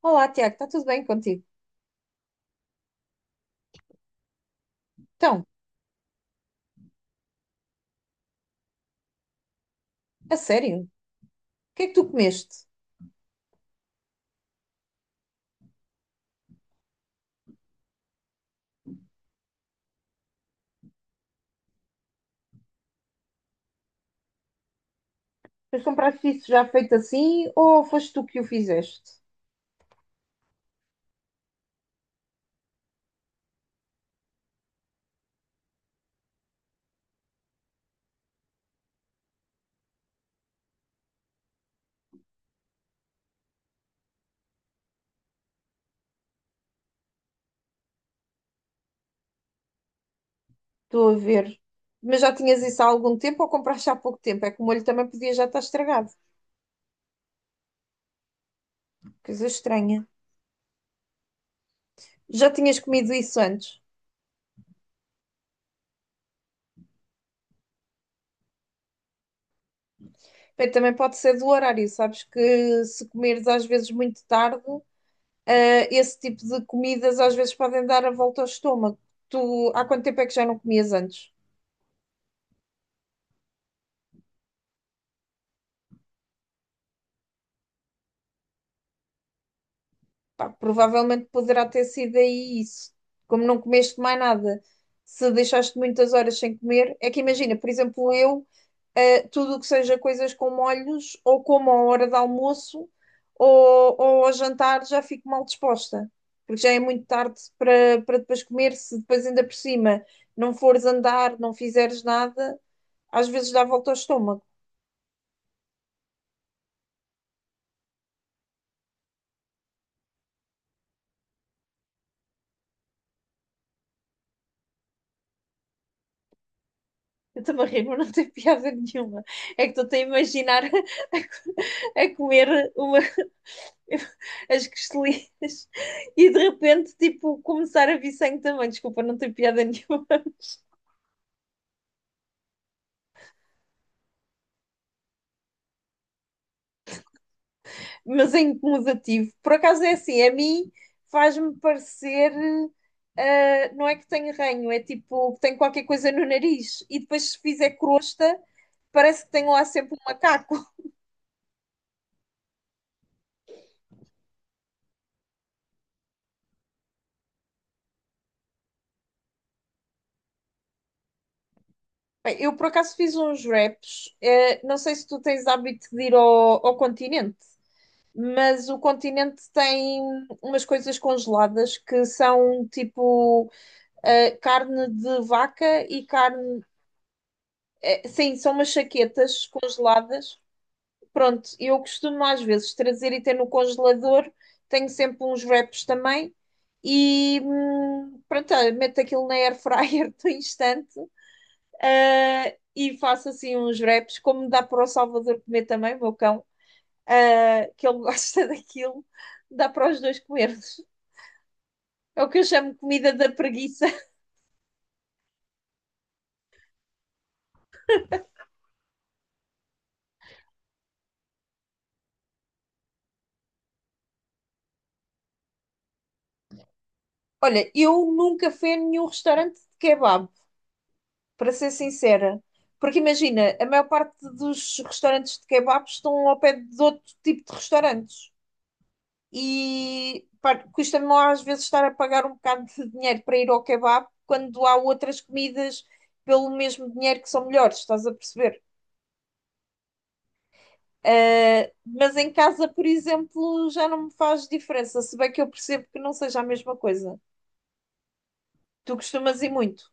Olá, Tiago, está tudo bem contigo? Então, a sério, o que é que tu comeste? Mas compraste isso já feito assim ou foste tu que o fizeste? Estou a ver. Mas já tinhas isso há algum tempo ou compraste há pouco tempo? É que o molho também podia já estar estragado. Coisa estranha. Já tinhas comido isso antes? Bem, também pode ser do horário, sabes que se comeres às vezes muito tarde. Ah, esse tipo de comidas às vezes podem dar a volta ao estômago. Tu, há quanto tempo é que já não comias antes? Pá, provavelmente poderá ter sido aí isso. Como não comeste mais nada, se deixaste muitas horas sem comer, é que imagina, por exemplo, eu. Tudo o que seja coisas com molhos, ou como à hora de almoço, ou ao jantar, já fico mal disposta, porque já é muito tarde para, depois comer, se depois ainda por cima não fores andar, não fizeres nada, às vezes dá volta ao estômago. Eu estou-me a rir, mas não tem piada nenhuma. É que estou a imaginar a comer uma. As costelinas e de repente, tipo, começar a vir sangue também. Desculpa, não tem piada nenhuma, mas é incomodativo. Por acaso é assim, a mim faz-me parecer. Não é que tenho ranho, é tipo que tenho qualquer coisa no nariz e depois se fizer crosta, parece que tenho lá sempre um macaco. Bem, eu por acaso fiz uns wraps, não sei se tu tens hábito de ir ao continente, mas o continente tem umas coisas congeladas que são tipo carne de vaca e carne. Sim, são umas chaquetas congeladas. Pronto, eu costumo às vezes trazer e ter no congelador. Tenho sempre uns wraps também. E pronto, olha, meto aquilo na air fryer do instante e faço assim uns wraps, como dá para o Salvador comer também, o meu cão, que ele gosta daquilo, dá para os dois comermos. É o que eu chamo comida da preguiça. Olha, eu nunca fui a nenhum restaurante de kebab. Para ser sincera. Porque imagina, a maior parte dos restaurantes de kebabs estão ao pé de outro tipo de restaurantes. E pá, custa-me às vezes estar a pagar um bocado de dinheiro para ir ao kebab quando há outras comidas pelo mesmo dinheiro que são melhores, estás a perceber? Mas em casa, por exemplo, já não me faz diferença, se bem que eu percebo que não seja a mesma coisa. Tu costumas ir muito.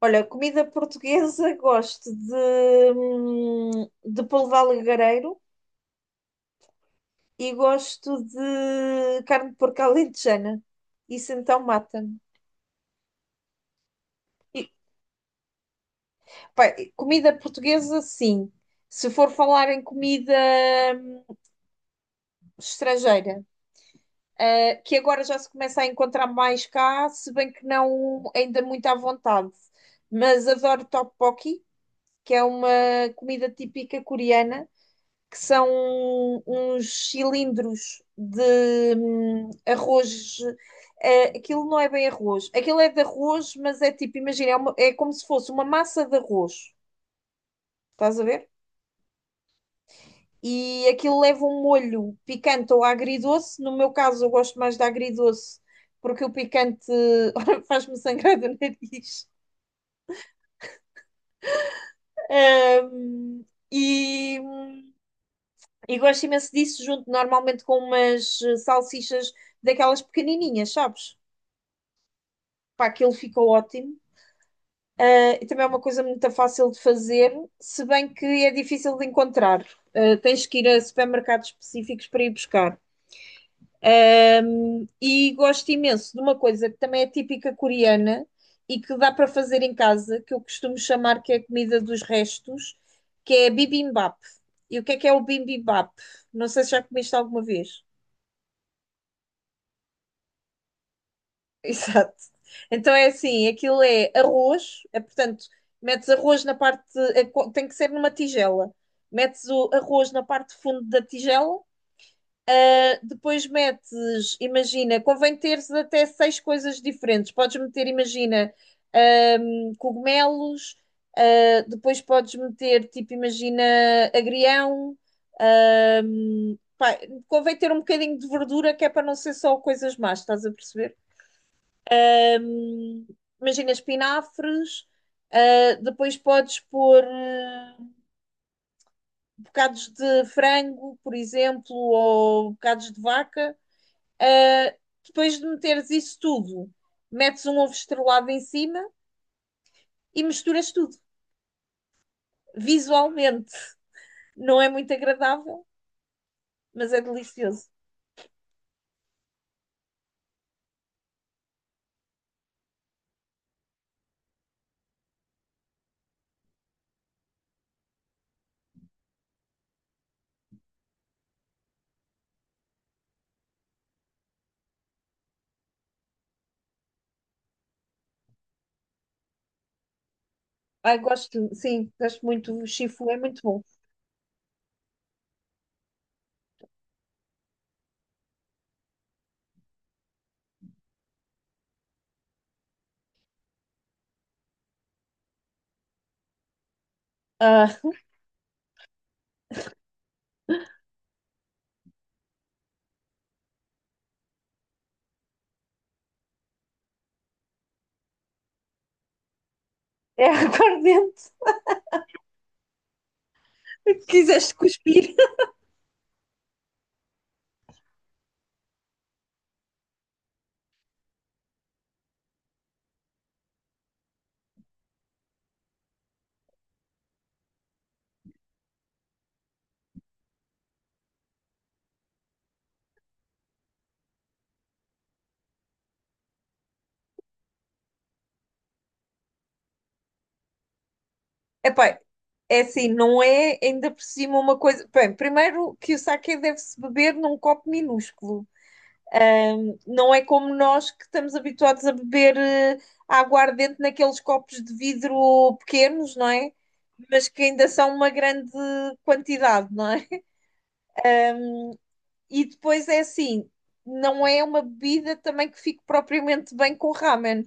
Olha, comida portuguesa, gosto de polvo alagareiro e gosto de carne de porco alentejana. Isso então mata-me. E, pá, e comida portuguesa, sim. Se for falar em comida hum, estrangeira, que agora já se começa a encontrar mais cá, se bem que não ainda muito à vontade. Mas adoro tteokbokki, que é uma comida típica coreana, que são uns cilindros de arroz. Aquilo não é bem arroz. Aquilo é de arroz, mas é tipo, imagina, é como se fosse uma massa de arroz. Estás a ver? E aquilo leva um molho picante ou agridoce. No meu caso, eu gosto mais de agridoce, porque o picante faz-me sangrar do nariz. Ahm, e, e gosto imenso disso, junto normalmente com umas salsichas daquelas pequenininhas, sabes? Pá, aquilo fica ótimo. Ah, e também é uma coisa muito fácil de fazer, se bem que é difícil de encontrar. Ah, tens que ir a supermercados específicos para ir buscar. E gosto imenso de uma coisa que também é típica coreana e que dá para fazer em casa, que eu costumo chamar que é a comida dos restos, que é bibimbap. E o que é o bibimbap? Não sei se já comiste alguma vez. Exato. Então é assim, aquilo é arroz, é portanto, metes arroz na parte, tem que ser numa tigela. Metes o arroz na parte de fundo da tigela. Depois metes, imagina, convém teres até seis coisas diferentes. Podes meter, imagina, cogumelos, depois podes meter, tipo, imagina, agrião. Pá, convém ter um bocadinho de verdura, que é para não ser só coisas más, estás a perceber? Um, imagina, espinafres. Depois podes pôr bocados de frango, por exemplo, ou bocados de vaca. Ah, depois de meteres isso tudo, metes um ovo estrelado em cima e misturas tudo. Visualmente, não é muito agradável, mas é delicioso. Ai, gosto, sim, gosto muito. O chifu é muito bom. Ah, é aguardente. Se quiseste cuspir. Epá, é assim, não é ainda por cima uma coisa. Bem, primeiro que o saque deve-se beber num copo minúsculo. Não é como nós que estamos habituados a beber aguardente naqueles copos de vidro pequenos, não é? Mas que ainda são uma grande quantidade, não é? E depois é assim, não é uma bebida também que fique propriamente bem com ramen.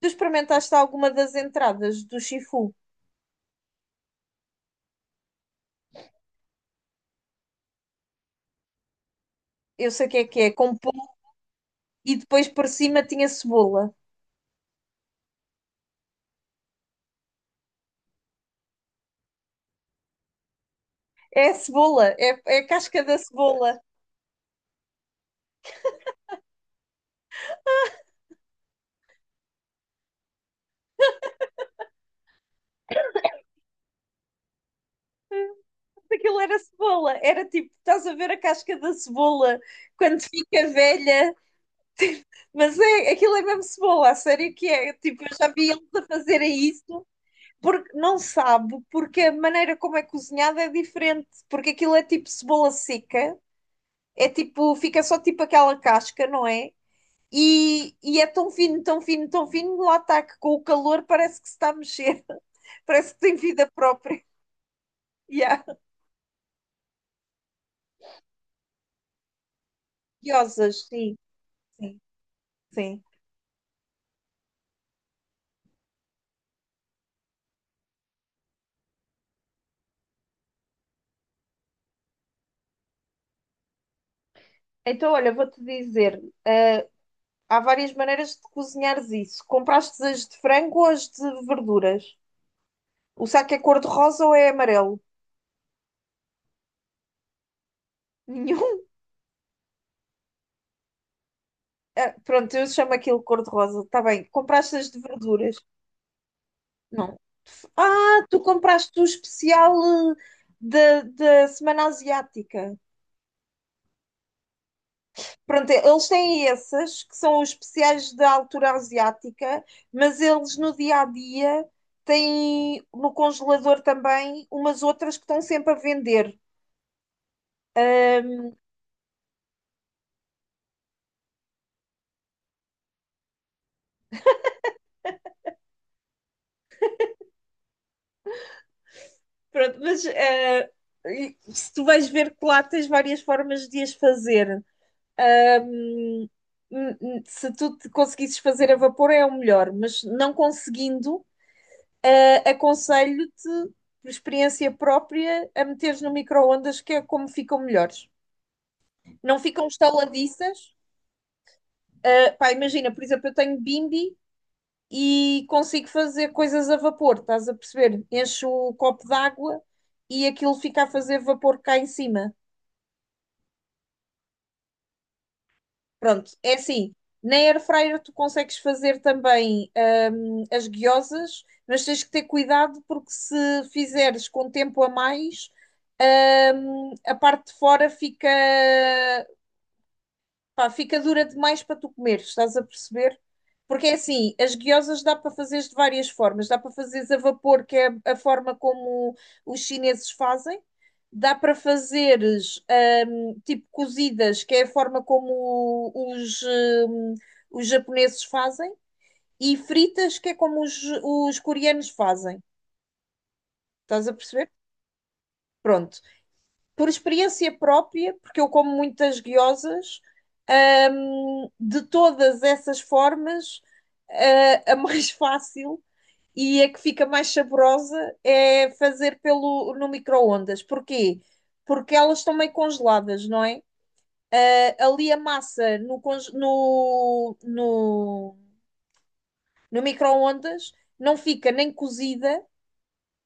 Tu experimentaste alguma das entradas do Shifu? Eu sei o que é, com pão e depois por cima tinha cebola. É a cebola, é a casca da cebola. Aquilo era cebola. Era tipo, estás a ver a casca da cebola quando fica velha, mas é, aquilo é mesmo cebola, a sério que é. Tipo, eu já vi eles a fazerem isso porque não sabe, porque a maneira como é cozinhada é diferente, porque aquilo é tipo cebola seca, é tipo, fica só tipo aquela casca, não é? E é tão fino, tão fino, tão fino, lá está que com o calor parece que se está a mexer, parece que tem vida própria. Yeah. Curiosas, sim, sim, sim. Então, olha, vou-te dizer, há várias maneiras de cozinhares isso. Compraste as de frango ou as de verduras? O saco é cor-de-rosa ou é amarelo? Nenhum. Ah, pronto, eu chamo aquilo cor-de-rosa. Está bem. Compraste as de verduras? Não. Ah, tu compraste o especial eh, da Semana Asiática. Pronto, eles têm essas que são os especiais da altura asiática, mas eles no dia a dia têm no congelador também umas outras que estão sempre a vender. Ahm, Pronto, mas se tu vais ver que lá tens várias formas de as fazer. Hum, Se tu te conseguisses fazer a vapor é o melhor, mas não conseguindo, aconselho-te, por experiência própria, a meteres no micro-ondas, que é como ficam melhores. Não ficam estaladiças. Ah, pá, imagina, por exemplo, eu tenho bimbi e consigo fazer coisas a vapor, estás a perceber? Encho o copo d'água e aquilo fica a fazer vapor cá em cima. Pronto, é assim. Na air fryer tu consegues fazer também as guiosas, mas tens que ter cuidado porque se fizeres com tempo a mais, a parte de fora fica dura demais para tu comer, estás a perceber? Porque é assim, as guiosas dá para fazeres de várias formas. Dá para fazeres a vapor, que é a forma como os chineses fazem. Dá para fazeres tipo cozidas, que é a forma como os japoneses fazem. E fritas, que é como os coreanos fazem. Estás a perceber? Pronto. Por experiência própria, porque eu como muitas guiosas, de todas essas formas, a mais fácil e a que fica mais saborosa é fazer no micro-ondas. Porquê? Porque elas estão meio congeladas, não é? Ah, ali a massa no, no, no micro-ondas não fica nem cozida,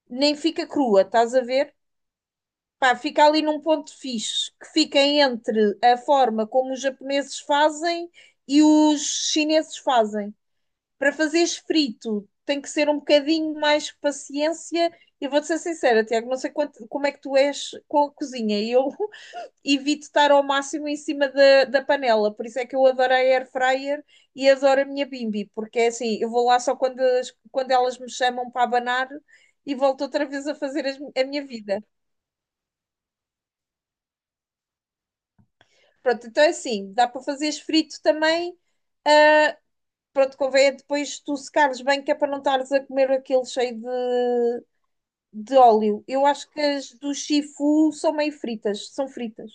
nem fica crua, estás a ver? Pá, fica ali num ponto fixe, que fica entre a forma como os japoneses fazem e os chineses fazem. Para fazeres frito, tem que ser um bocadinho mais paciência. Eu vou-te ser sincera, Tiago, não sei como é que tu és com a cozinha. Eu evito estar ao máximo em cima da panela, por isso é que eu adoro a air fryer e adoro a minha bimby porque é assim, eu vou lá só quando elas me chamam para abanar e volto outra vez a fazer a minha vida. Pronto, então é assim, dá para fazeres frito também. Ah, pronto, convém é depois tu secares bem, que é para não estares a comer aquele cheio de óleo. Eu acho que as do Shifu são meio fritas, são fritas.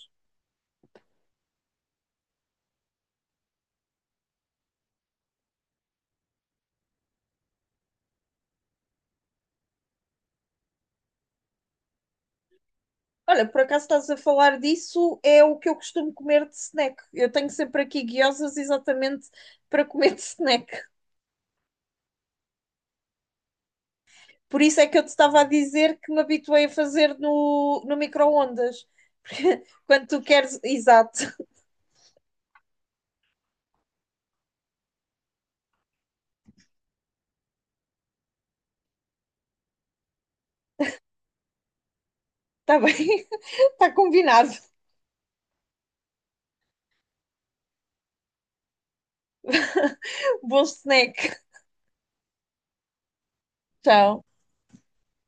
Olha, por acaso estás a falar disso, é o que eu costumo comer de snack. Eu tenho sempre aqui guiosas exatamente para comer de snack. Por isso é que eu te estava a dizer que me habituei a fazer no micro-ondas. Quando tu queres. Exato, está bem, está combinado. Bom snack. Tchau.